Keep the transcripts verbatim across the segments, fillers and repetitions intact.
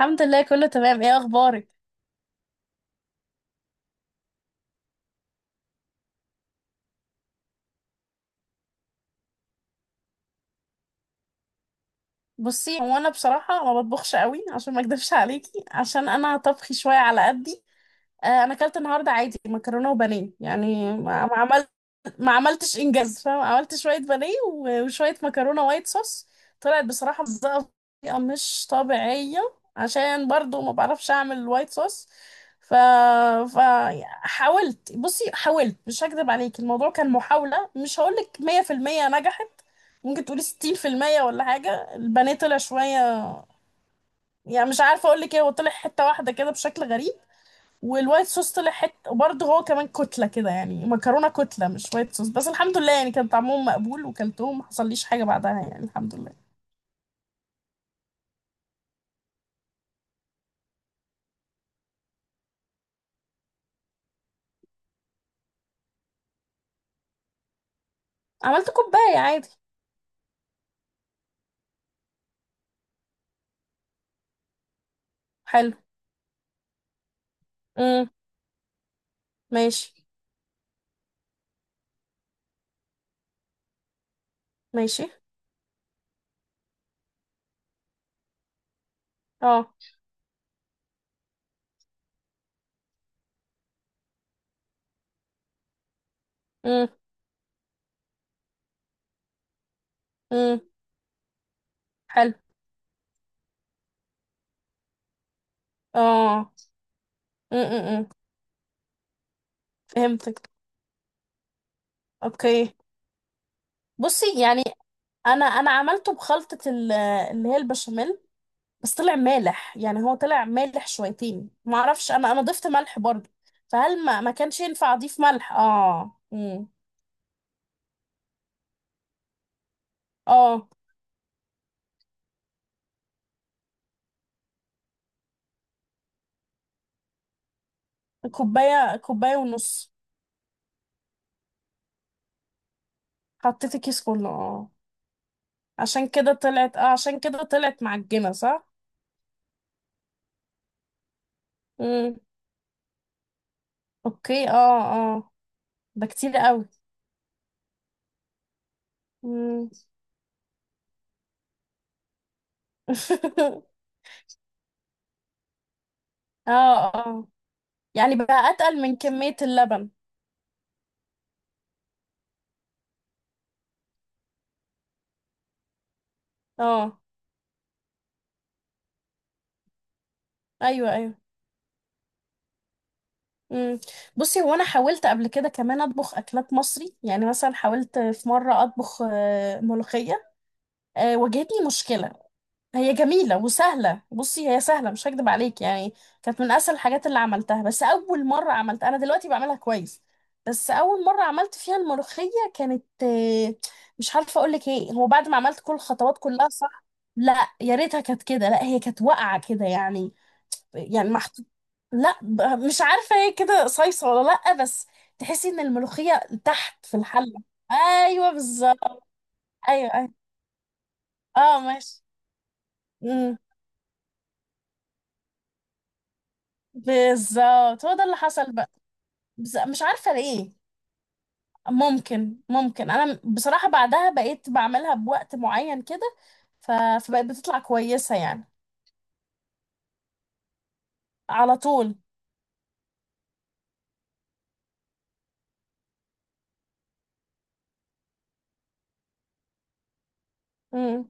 الحمد لله، كله تمام. ايه اخبارك؟ بصي، هو انا بصراحه ما بطبخش قوي عشان ما اكدبش عليكي، عشان انا طبخي شويه على قدي. آه، انا اكلت النهارده عادي مكرونه وبانيه، يعني ما ما ما عملتش انجاز، فاهم؟ عملت شويه بانيه و- وشويه مكرونه وايت صوص. طلعت بصراحه مزقه بطريقه مش طبيعيه، عشان برضو ما بعرفش اعمل الوايت صوص. ف... ف حاولت، بصي حاولت، مش هكذب عليك، الموضوع كان محاوله، مش هقولك مية في المية نجحت. ممكن تقولي ستين في المية ولا حاجه. البانيه طلع شويه، يعني مش عارفه اقولك ايه، هو طلع حته واحده كده بشكل غريب. والوايت صوص طلع حته، وبرضه هو كمان كتله كده، يعني مكرونه كتله مش وايت صوص. بس الحمد لله، يعني كان طعمهم مقبول وكلتهم ما حصليش حاجه بعدها، يعني الحمد لله. عملت كوبايه عادي. حلو. امم. ماشي. ماشي. اه. امم. امم. حلو. اه. امم. امم. امم. فهمتك. اوكي. بصي يعني، انا انا عملته بخلطه ال- اللي هي البشاميل. بس طلع مالح، يعني هو طلع مالح شويتين. ما اعرفش، انا انا ضفت ملح برضه. فهل ما ما كانش ينفع اضيف ملح؟ اه. امم. اه. كوبايه، كوبايه ونص. حطيت الكيس كله، اه. عشان كده طلعت اه عشان كده طلعت معجنه، صح. امم. اوكي. اه. اه. ده كتير قوي. امم. اه. اه. يعني بقى اتقل من كميه اللبن. اه. ايوه، ايوه. مم. بصي هو انا حاولت قبل كده كمان اطبخ اكلات مصري، يعني مثلا حاولت في مره اطبخ آه، ملوخيه. آه، واجهتني مشكله. هي جميله وسهله، بصي هي سهله، مش هكدب عليك يعني. كانت من اسهل الحاجات اللي عملتها. بس اول مره عملتها، انا دلوقتي بعملها كويس. بس اول مره عملت فيها الملوخيه كانت، آه، مش عارفه اقول لك ايه، هو بعد ما عملت كل الخطوات كلها صح. لا، يا ريتها كانت كده. لا، هي كانت واقعه كده يعني. يعني محطوط. لا، ب- مش عارفة هي كده صيصة ولا لأ، بس تحسي ان الملوخية تحت في الحلة. ايوه بالظبط. ايوه، ايوه. اه. ماشي. امم. بالظبط هو ده اللي حصل بقى. بس مش عارفة ليه. ممكن ممكن، انا بصراحة بعدها بقيت بعملها بوقت معين كده. ف... فبقت بتطلع كويسة يعني. على طول. امم.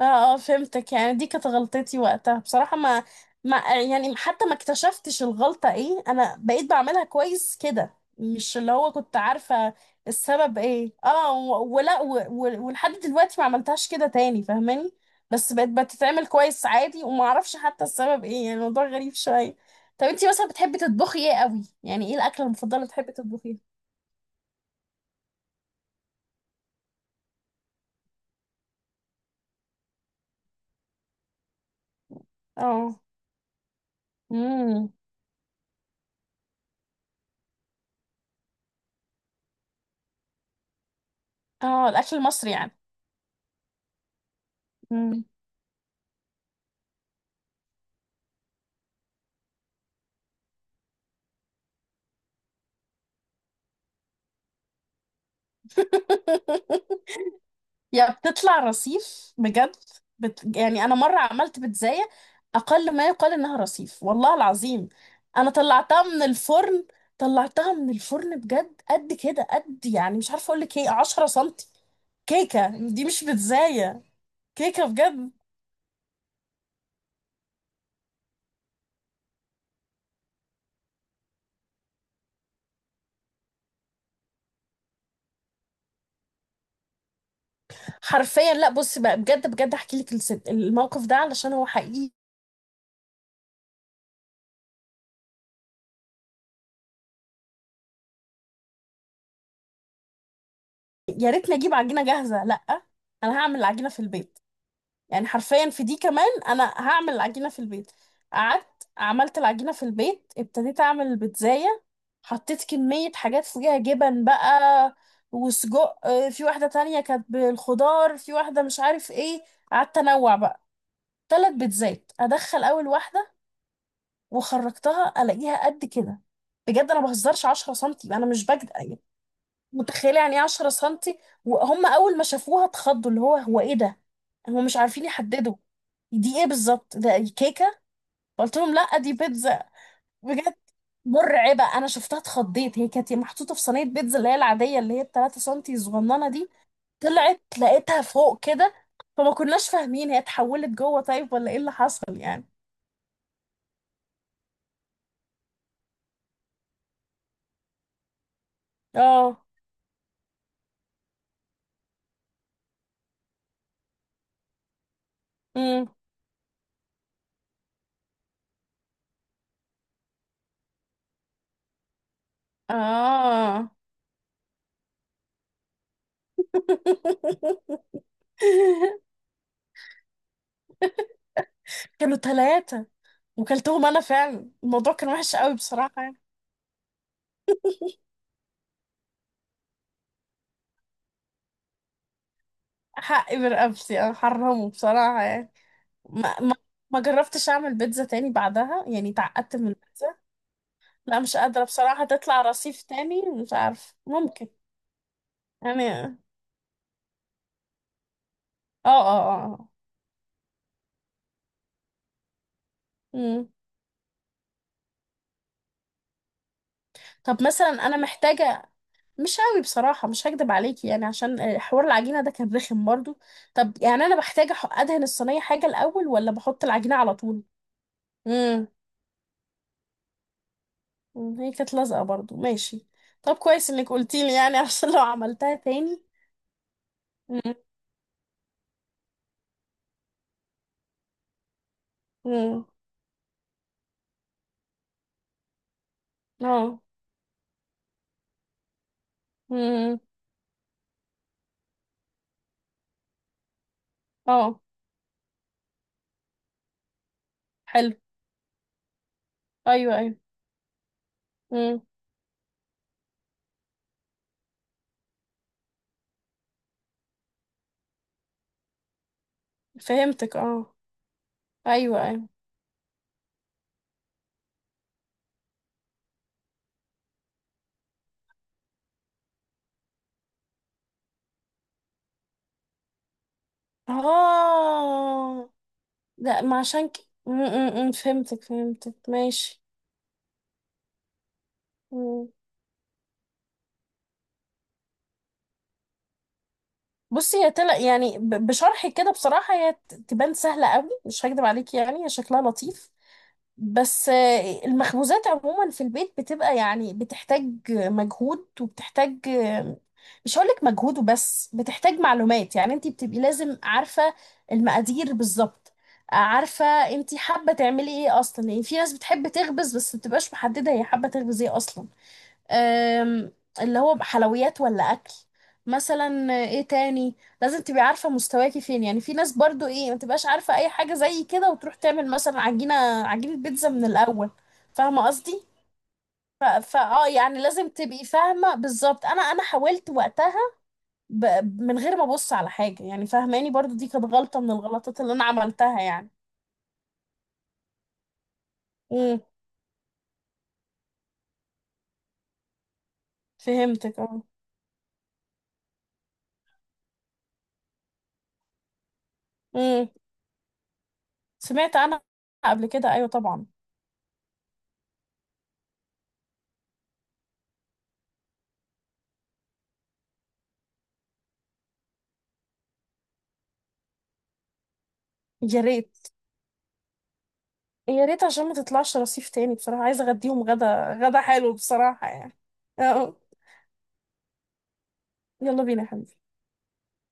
اه. اه. فهمتك. يعني دي كانت غلطتي وقتها بصراحة، ما ما يعني حتى ما اكتشفتش الغلطة ايه، انا بقيت بعملها كويس كده، مش اللي هو كنت عارفة السبب ايه. اه. و- ولا و- و- ولحد دلوقتي ما عملتهاش كده تاني، فاهماني؟ بس بقت بتتعمل كويس عادي، وما اعرفش حتى السبب ايه، يعني الموضوع غريب شوية. طب انتي مثلا بتحبي تطبخي ايه قوي؟ يعني ايه الاكلة المفضلة اللي بتحبي تطبخيها؟ اه. امم. اه الاكل المصري يعني. امم. يا بتطلع رصيف بجد! بت... يعني انا مره عملت بيتزاية، اقل ما يقال انها رصيف، والله العظيم. انا طلعتها من الفرن، طلعتها من الفرن بجد، قد كده قد، يعني مش عارفه اقول لك ايه، عشرة سنتي. كيكه، دي مش بيتزاية، كيكه بجد. حرفيا لا، بص بقى، بجد بجد، احكي لك الست... الموقف ده علشان هو حقيقي. يا ريتني اجيب عجينه جاهزه، لا. انا هعمل العجينه في البيت. يعني حرفيا في دي كمان انا هعمل العجينه في البيت. قعدت عملت العجينه في البيت، ابتديت اعمل البيتزاية. حطيت كميه حاجات فوقيها جبن بقى، وسجق، آه، في واحده تانية كانت بالخضار، في واحده مش عارف ايه. قعدت انوع بقى ثلاث بيتزات، ادخل اول واحده وخرجتها الاقيها قد كده. بجد انا بهزرش، عشرة سنتي، انا مش بجد يعني. متخيله يعني ايه عشرة سنتي؟ وهم اول ما شافوها اتخضوا، اللي هو هو ايه ده؟ هم مش عارفين يحددوا دي ايه بالظبط، ده كيكه. قلت لهم لا، دي بيتزا، بجد. مرعبه، انا شفتها اتخضيت. هي كانت محطوطه في صينيه بيتزا اللي هي العاديه، اللي هي ال ثلاث سنتي الصغننه دي. طلعت لقيتها فوق كده. فما كناش فاهمين هي اتحولت جوه طيب ولا ايه اللي حصل يعني. اه. امم. اه. كانوا ثلاثة وكلتهم انا، فعلا الموضوع كان وحش قوي بصراحه يعني. حقي برقبتي، انا حرمه بصراحه يعني. ما ما ما جربتش اعمل بيتزا تاني بعدها، يعني اتعقدت من البيتزا. لا مش قادره بصراحه، تطلع رصيف تاني، مش عارف ممكن يعني. اه. اه. اه. امم. طب مثلا انا محتاجه، مش قوي بصراحه، مش هكدب عليكي يعني، عشان حوار العجينه ده كان رخم برضو. طب يعني انا بحتاج أح- ادهن الصينيه حاجه الاول ولا بحط العجينه على طول؟ امم. مم، هي كانت لازقة برضو، ماشي. طب كويس انك قلتيلي يعني، عشان لو عملتها تاني. مم. مم. اه. مم. اه. حلو. ايوه، ايوه. مم. فهمتك. اه. ايوه، ايوه. اه. ده ما عشان ك... مم. مم. مم. فهمتك. فهمتك. ماشي. مم. بصي هي طلع يعني، ب- بشرحك كده بصراحة هي ت- تبان سهلة قوي، مش هكدب عليكي يعني، هي شكلها لطيف. بس آه، المخبوزات عموما في البيت بتبقى يعني بتحتاج مجهود، وبتحتاج، آه، مش هقولك مجهود وبس، بتحتاج معلومات، يعني انتي بتبقي لازم عارفة المقادير بالظبط. عارفة انتي حابة تعملي ايه اصلا، يعني في ناس بتحب تخبز بس مبتبقاش محددة هي حابة تخبز ايه اصلا. أم، اللي هو حلويات ولا اكل، مثلا ايه تاني. لازم تبقي عارفه مستواكي فين، يعني في ناس برضو ايه ما تبقاش عارفه اي حاجه زي كده، وتروح تعمل مثلا عجينه عجينه بيتزا من الاول. فاهمه قصدي؟ ف- فا اه يعني لازم تبقي فاهمه بالظبط. انا انا حاولت وقتها ب... من غير ما ابص على حاجه، يعني فاهماني؟ برضو دي كانت غلطه من الغلطات اللي انا عملتها يعني. امم. فهمتك. اه. امم. سمعت انا قبل كده، ايوه طبعا. يا ريت. يا ريت عشان ما تطلعش رصيف تاني بصراحة. عايزة اغديهم غدا، غدا حلو بصراحة يعني. اه. يلا بينا يا حبيبي.